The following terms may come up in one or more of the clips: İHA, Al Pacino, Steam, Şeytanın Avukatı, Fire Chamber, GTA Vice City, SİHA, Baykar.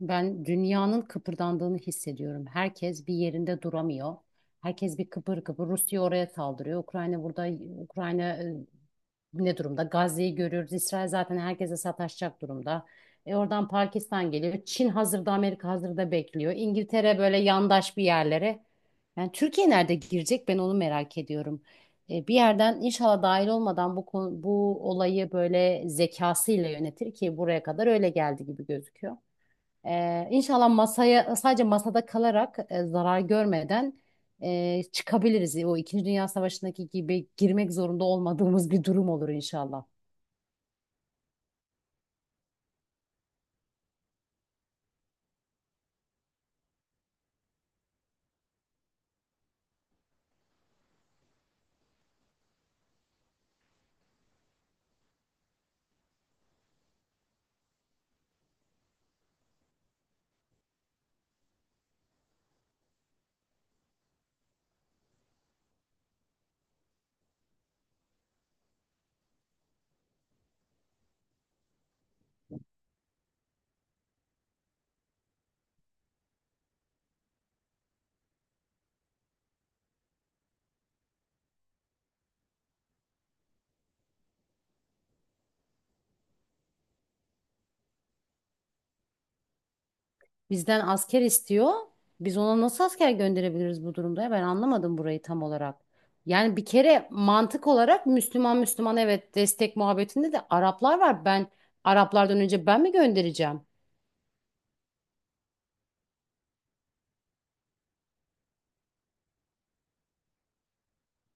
Ben dünyanın kıpırdandığını hissediyorum. Herkes bir yerinde duramıyor. Herkes bir kıpır kıpır. Rusya oraya saldırıyor. Ukrayna burada, Ukrayna ne durumda? Gazze'yi görüyoruz. İsrail zaten herkese sataşacak durumda. E oradan Pakistan geliyor. Çin hazırda, Amerika hazırda bekliyor. İngiltere böyle yandaş bir yerlere. Yani Türkiye nerede girecek? Ben onu merak ediyorum. E, bir yerden inşallah dahil olmadan bu konu, bu olayı böyle zekasıyla yönetir ki buraya kadar öyle geldi gibi gözüküyor. İnşallah masaya sadece masada kalarak zarar görmeden çıkabiliriz. O İkinci Dünya Savaşı'ndaki gibi girmek zorunda olmadığımız bir durum olur inşallah. Bizden asker istiyor. Biz ona nasıl asker gönderebiliriz bu durumda? Ya? Ben anlamadım burayı tam olarak. Yani bir kere mantık olarak Müslüman Müslüman, evet, destek muhabbetinde de Araplar var. Ben Araplardan önce ben mi göndereceğim?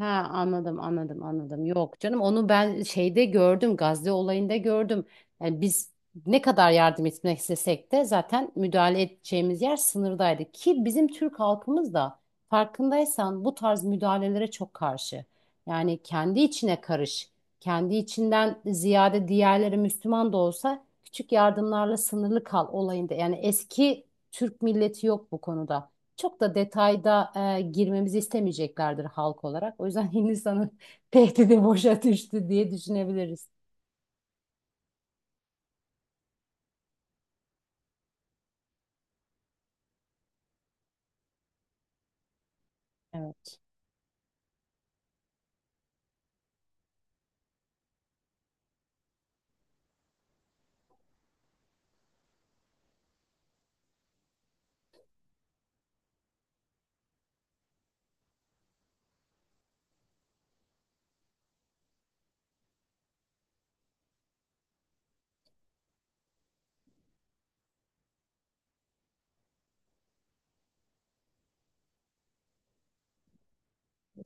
Ha, anladım, anladım, anladım. Yok canım, onu ben şeyde gördüm, Gazze olayında gördüm. Yani biz ne kadar yardım etmek istesek de zaten müdahale edeceğimiz yer sınırdaydı. Ki bizim Türk halkımız da farkındaysan bu tarz müdahalelere çok karşı. Yani kendi içine karış. Kendi içinden ziyade diğerleri Müslüman da olsa küçük yardımlarla sınırlı kal olayında. Yani eski Türk milleti yok bu konuda çok da detayda girmemizi istemeyeceklerdir halk olarak. O yüzden Hindistan'ın tehdidi boşa düştü diye düşünebiliriz. Evet.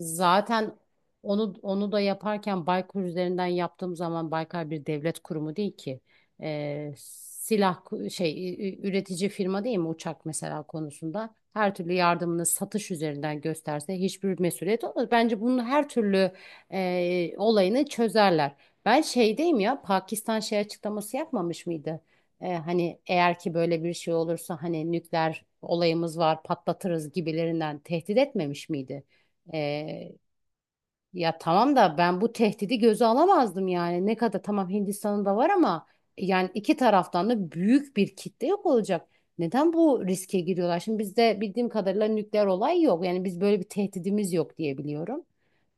Zaten onu da yaparken Baykar üzerinden yaptığım zaman Baykar bir devlet kurumu değil ki. Silah üretici firma değil mi uçak mesela konusunda? Her türlü yardımını satış üzerinden gösterse hiçbir mesuliyet olmaz. Bence bunun her türlü olayını çözerler. Ben şeydeyim, ya Pakistan şey açıklaması yapmamış mıydı? Hani eğer ki böyle bir şey olursa hani nükleer olayımız var patlatırız gibilerinden tehdit etmemiş miydi? Ee, Ya tamam da ben bu tehdidi göze alamazdım yani. Ne kadar tamam Hindistan'ın da var ama yani iki taraftan da büyük bir kitle yok olacak. Neden bu riske giriyorlar? Şimdi bizde bildiğim kadarıyla nükleer olay yok. Yani biz böyle bir tehdidimiz yok diye biliyorum.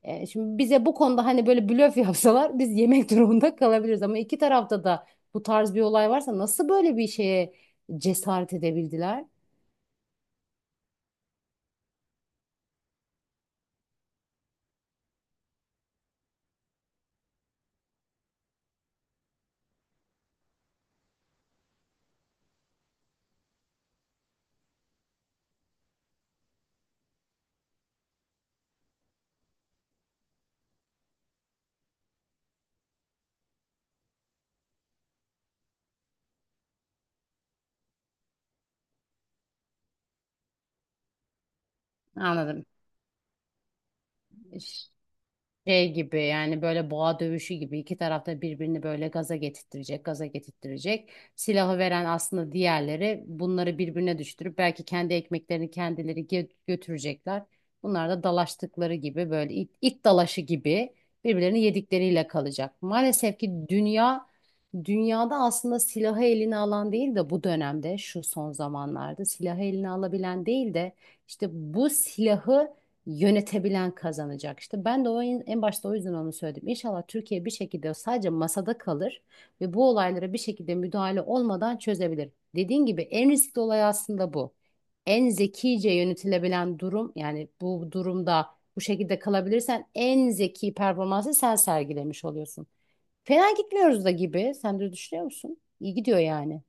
Şimdi bize bu konuda hani böyle blöf yapsalar biz yemek durumunda kalabiliriz. Ama iki tarafta da bu tarz bir olay varsa nasıl böyle bir şeye cesaret edebildiler? Anladım. Şey gibi, yani böyle boğa dövüşü gibi iki tarafta birbirini böyle gaza getirttirecek, gaza getirttirecek. Silahı veren aslında diğerleri, bunları birbirine düşürüp belki kendi ekmeklerini kendileri götürecekler. Bunlar da dalaştıkları gibi böyle it, it dalaşı gibi birbirlerini yedikleriyle kalacak. Maalesef ki dünyada aslında silahı eline alan değil de, bu dönemde şu son zamanlarda silahı eline alabilen değil de işte bu silahı yönetebilen kazanacak işte. Ben de o en başta o yüzden onu söyledim. İnşallah Türkiye bir şekilde sadece masada kalır ve bu olaylara bir şekilde müdahale olmadan çözebilir. Dediğin gibi en riskli olay aslında bu. En zekice yönetilebilen durum, yani bu durumda bu şekilde kalabilirsen en zeki performansı sen sergilemiş oluyorsun. Fena gitmiyoruz da gibi. Sen de düşünüyor musun? İyi gidiyor yani.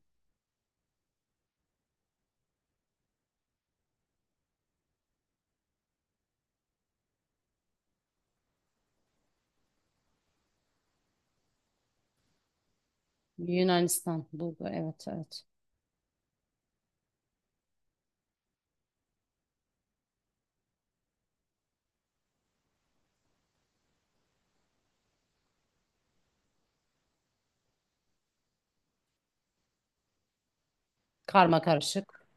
Yunanistan, Bulgar, evet, evet. Karma karışık.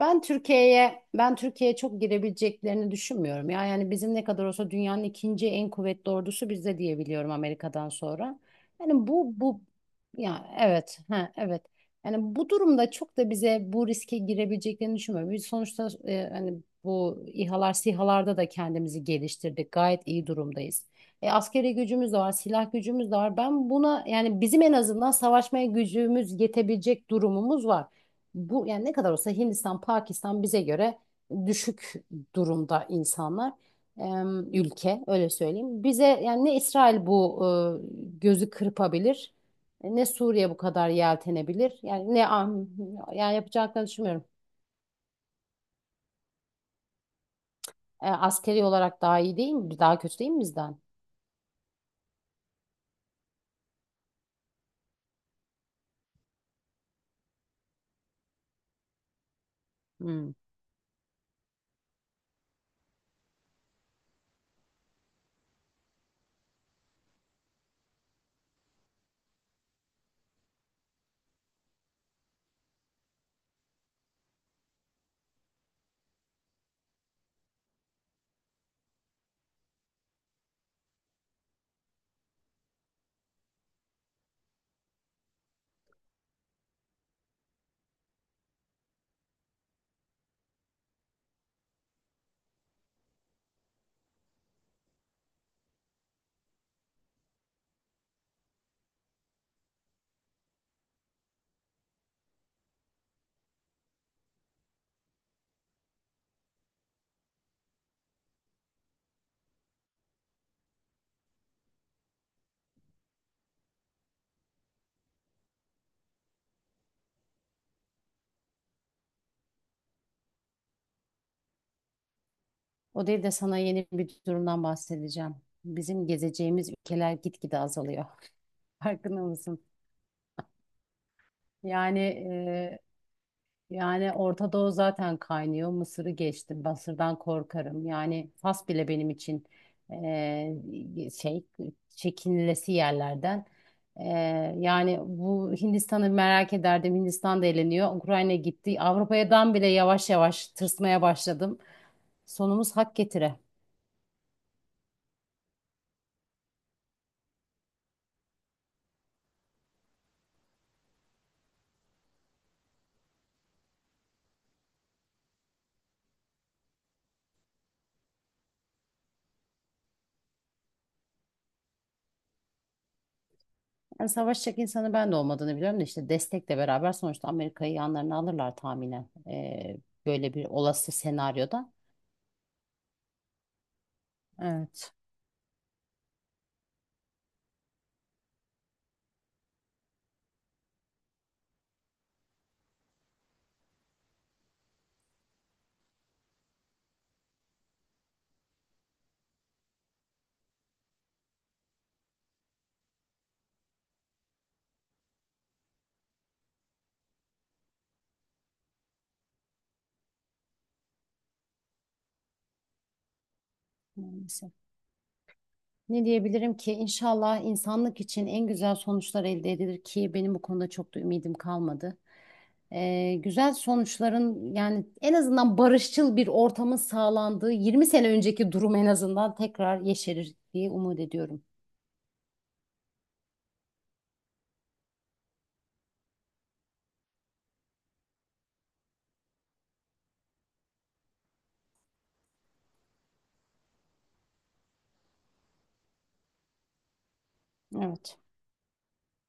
Ben Türkiye'ye çok girebileceklerini düşünmüyorum. Ya yani bizim ne kadar olsa dünyanın ikinci en kuvvetli ordusu bizde diye biliyorum, Amerika'dan sonra. Yani bu, ya, evet, ha, evet. Yani bu durumda çok da bize bu riske girebileceklerini düşünmüyorum. Biz sonuçta hani bu İHA'lar, SİHA'larda da kendimizi geliştirdik. Gayet iyi durumdayız. Askeri gücümüz de var, silah gücümüz de var. Ben buna, yani bizim en azından savaşmaya gücümüz yetebilecek durumumuz var, bu yani ne kadar olsa Hindistan, Pakistan bize göre düşük durumda insanlar. Ülke öyle söyleyeyim. Bize yani ne İsrail bu gözü kırpabilir, ne Suriye bu kadar yeltenebilir. Yani ne yani yapacaklarını düşünmüyorum. Askeri olarak daha iyi değil mi? Daha kötü değil mi bizden? Hmm. O değil de sana yeni bir durumdan bahsedeceğim. Bizim gezeceğimiz ülkeler gitgide azalıyor. Farkında mısın? Yani Orta Doğu zaten kaynıyor. Mısır'ı geçtim. Mısır'dan korkarım. Yani Fas bile benim için eee, şey çekinilesi yerlerden. Yani bu Hindistan'ı merak ederdim. Hindistan da eğleniyor, Ukrayna gitti. Avrupa'dan bile yavaş yavaş tırsmaya başladım. Sonumuz hak getire. Yani savaşacak insanı ben de olmadığını biliyorum da işte destekle beraber sonuçta Amerika'yı yanlarına alırlar tahminen. Böyle bir olası senaryoda. Evet. Maalesef. Ne diyebilirim ki inşallah insanlık için en güzel sonuçlar elde edilir ki benim bu konuda çok da ümidim kalmadı. Güzel sonuçların, yani en azından barışçıl bir ortamın sağlandığı 20 sene önceki durum en azından tekrar yeşerir diye umut ediyorum. Evet.